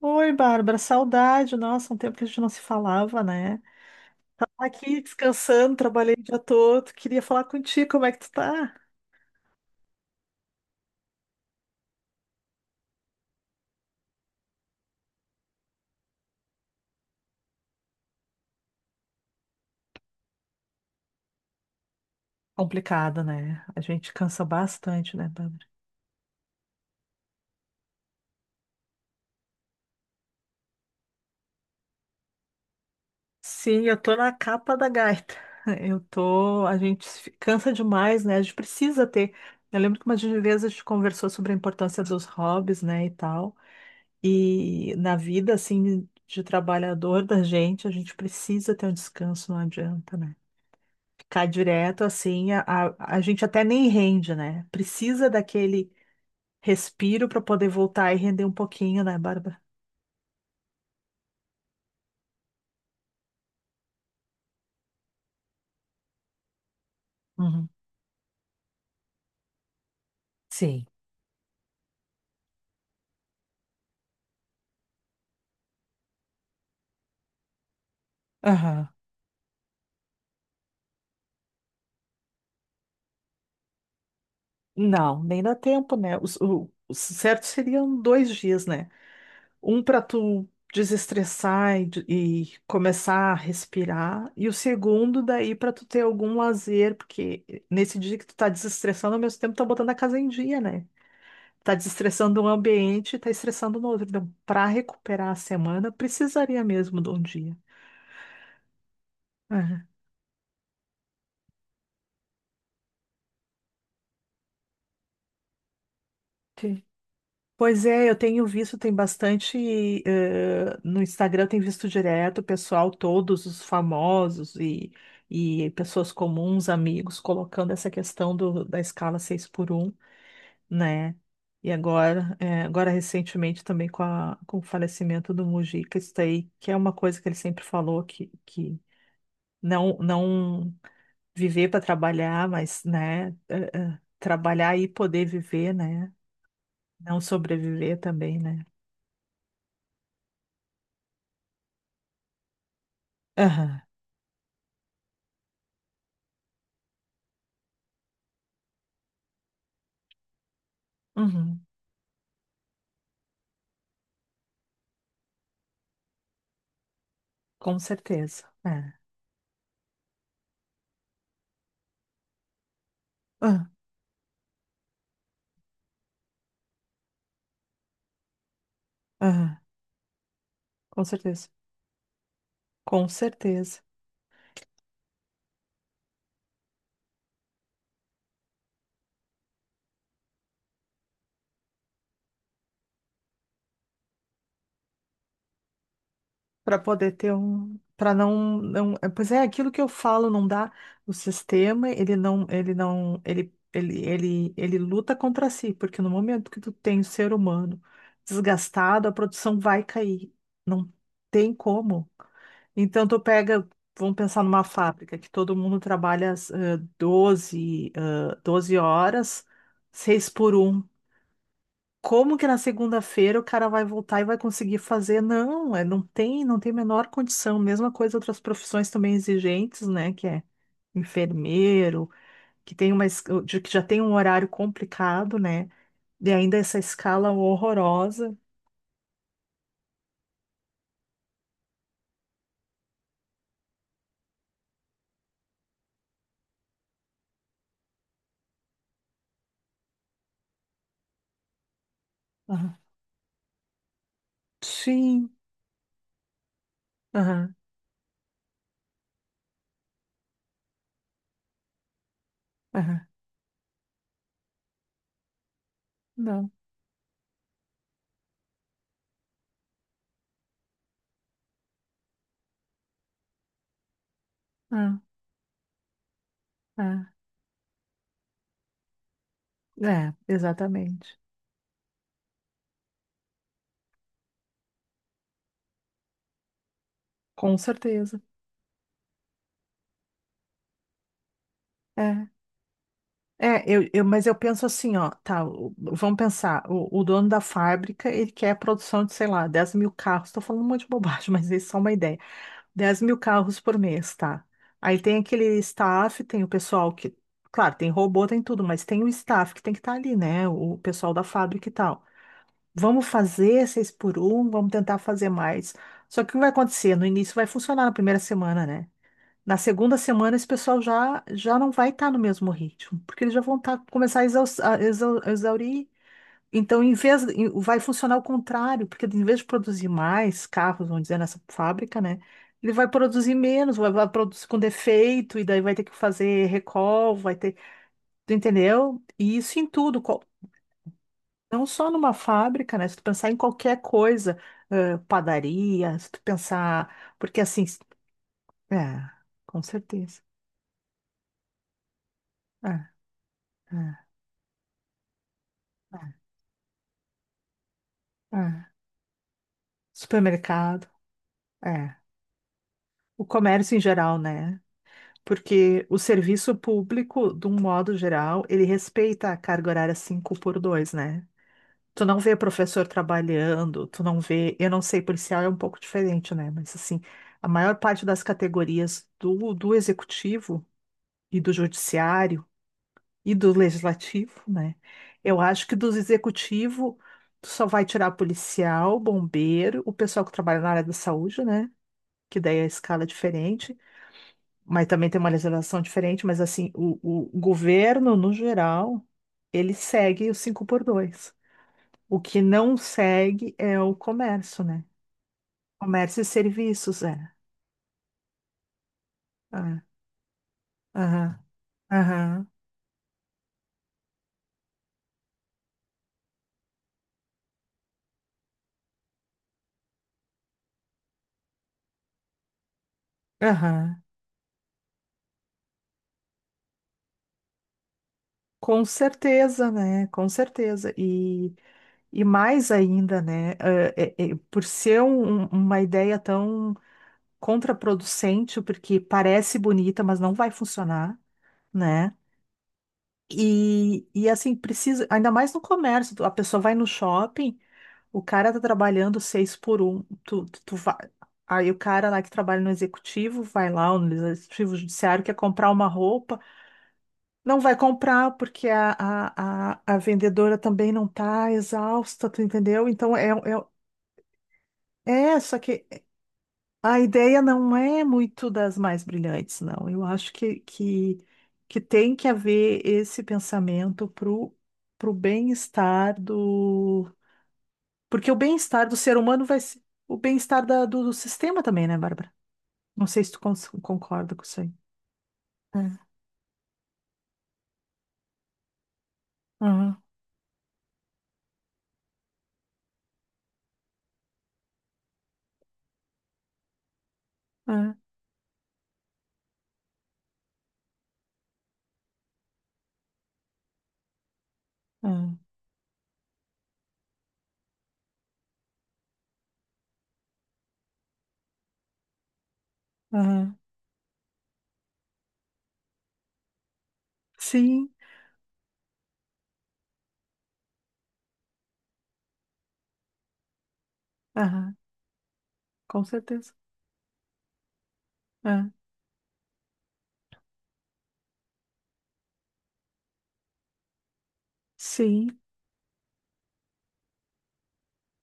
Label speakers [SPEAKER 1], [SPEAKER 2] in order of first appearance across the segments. [SPEAKER 1] Oi, Bárbara, saudade. Nossa, um tempo que a gente não se falava, né? Aqui descansando, trabalhei o dia todo. Queria falar contigo, como é que tu tá? Complicado, né? A gente cansa bastante, né, Bárbara? Sim, eu tô na capa da gaita. Eu tô. A gente se cansa demais, né? A gente precisa ter. Eu lembro que uma vez a gente conversou sobre a importância dos hobbies, né, e tal. E na vida, assim, de trabalhador da gente, a gente precisa ter um descanso, não adianta, né? Cai direto assim, a gente até nem rende, né? Precisa daquele respiro para poder voltar e render um pouquinho, né, Bárbara? Uhum. Sim. Aham. Não, nem dá tempo, né? O certo seriam dois dias, né? Um para tu desestressar e, e começar a respirar, e o segundo daí para tu ter algum lazer, porque nesse dia que tu tá desestressando, ao mesmo tempo tá botando a casa em dia, né? Tá desestressando um ambiente, tá estressando no outro. Então, para recuperar a semana, precisaria mesmo de um dia. Aham, ok. Pois é, eu tenho visto, tem bastante, no Instagram, eu tenho visto direto o pessoal, todos os famosos e, pessoas comuns, amigos, colocando essa questão da escala 6 por um, né? E agora, agora recentemente também com o falecimento do Mujica, isso daí, que é uma coisa que ele sempre falou que não, não. viver para trabalhar, mas, né, trabalhar e poder viver, né? Não sobreviver também, né? Aham, uhum, com certeza. É. Ah, aham, com certeza. Com certeza. Para poder ter um, para não, não, é, pois é, aquilo que eu falo não dá. O sistema, ele não, ele não, ele luta contra si, porque no momento que tu tem o ser humano desgastado, a produção vai cair. Não tem como. Então tu pega, vamos pensar numa fábrica que todo mundo trabalha 12 horas, 6 por um, como que na segunda-feira o cara vai voltar e vai conseguir fazer? Não, é, não tem a menor condição. Mesma coisa outras profissões também exigentes, né? Que é enfermeiro, que tem uma, que já tem um horário complicado, né? E ainda essa escala horrorosa. Aham. Sim, aham, aham. Não, ah, ah. É, exatamente. Com certeza. É. É, mas eu penso assim, ó, tá, o- vamos pensar, o dono da fábrica, ele quer a produção de, sei lá, 10.000 carros, tô falando um monte de bobagem, mas isso é só uma ideia. 10.000 carros por mês, tá? Aí tem aquele staff, tem o pessoal que, claro, tem robô, tem tudo, mas tem o staff que tem que estar ali, né, o pessoal da fábrica e tal. Vamos fazer seis por um, vamos tentar fazer mais. Só que o que vai acontecer? No início vai funcionar na primeira semana, né? Na segunda semana, esse pessoal já, já não vai estar no mesmo ritmo, porque eles já vão tá, começar a a exaurir. Então, vai funcionar o contrário, porque em vez de produzir mais carros, vamos dizer, nessa fábrica, né? Ele vai produzir menos, vai produzir com defeito, e daí vai ter que fazer recall, vai ter. Tu entendeu? E isso em tudo, não só numa fábrica, né? Se tu pensar em qualquer coisa, padaria, se tu pensar. Porque assim. É, com certeza. É, é. É, supermercado, é. O comércio em geral, né? Porque o serviço público, de um modo geral, ele respeita a carga horária 5 por 2, né? Tu não vê professor trabalhando, tu não vê, eu não sei, policial é um pouco diferente, né? Mas assim, a maior parte das categorias do executivo e do judiciário e do legislativo, né? Eu acho que do executivo tu só vai tirar policial, bombeiro, o pessoal que trabalha na área da saúde, né? Que daí é a escala é diferente, mas também tem uma legislação diferente, mas assim, o governo, no geral, ele segue o 5 por 2. O que não segue é o comércio, né? Comércio e serviços, é. Ah, aham, aham, aham. Com certeza, né? Com certeza. E mais ainda, né? Por ser um, uma ideia tão contraproducente, porque parece bonita, mas não vai funcionar, né? E assim, precisa, ainda mais no comércio, tu- a pessoa vai no shopping, o cara tá trabalhando seis por um, tu vai, aí o cara lá que trabalha no executivo vai lá, ou no executivo judiciário, quer comprar uma roupa, não vai comprar porque a vendedora também não tá exausta, tu entendeu? Então é, só que a ideia não é muito das mais brilhantes, não. Eu acho que tem que haver esse pensamento para o bem-estar do. Porque o bem-estar do ser humano vai ser o bem-estar da- do, do sistema também, né, Bárbara? Não sei se tu concorda com isso aí. É. Aham, aham, aham, aham. Sim, aham, com certeza. É, sim.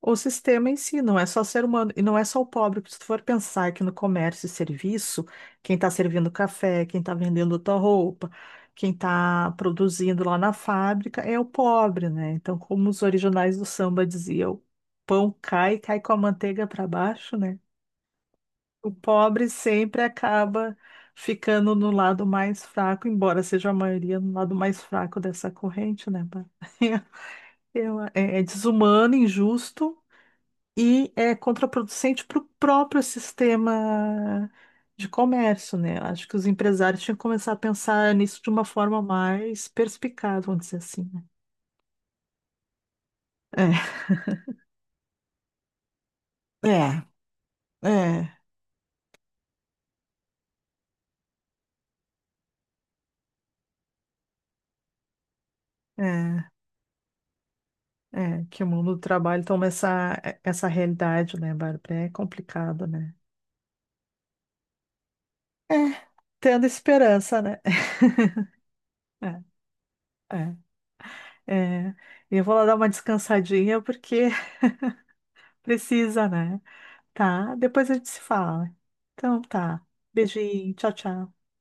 [SPEAKER 1] O sistema em si não é só ser humano, e não é só o pobre, porque se tu for pensar que no comércio e serviço, quem está servindo café, quem está vendendo tua roupa, quem está produzindo lá na fábrica é o pobre, né? Então, como os originais do samba diziam, o pão cai, cai com a manteiga para baixo, né? O pobre sempre acaba ficando no lado mais fraco, embora seja a maioria no lado mais fraco dessa corrente, né, Bárbara? É desumano, injusto e é contraproducente para o próprio sistema de comércio, né? Eu acho que os empresários tinham que começar a pensar nisso de uma forma mais perspicaz, vamos dizer assim, né? É, é, é, é, é, que o mundo do trabalho toma essa, essa realidade, né, Bárbara? É complicado, né? É, tendo esperança, né? É, é, é. E eu vou lá dar uma descansadinha porque precisa, né? Tá, depois a gente se fala. Então tá. Beijinho, tchau, tchau.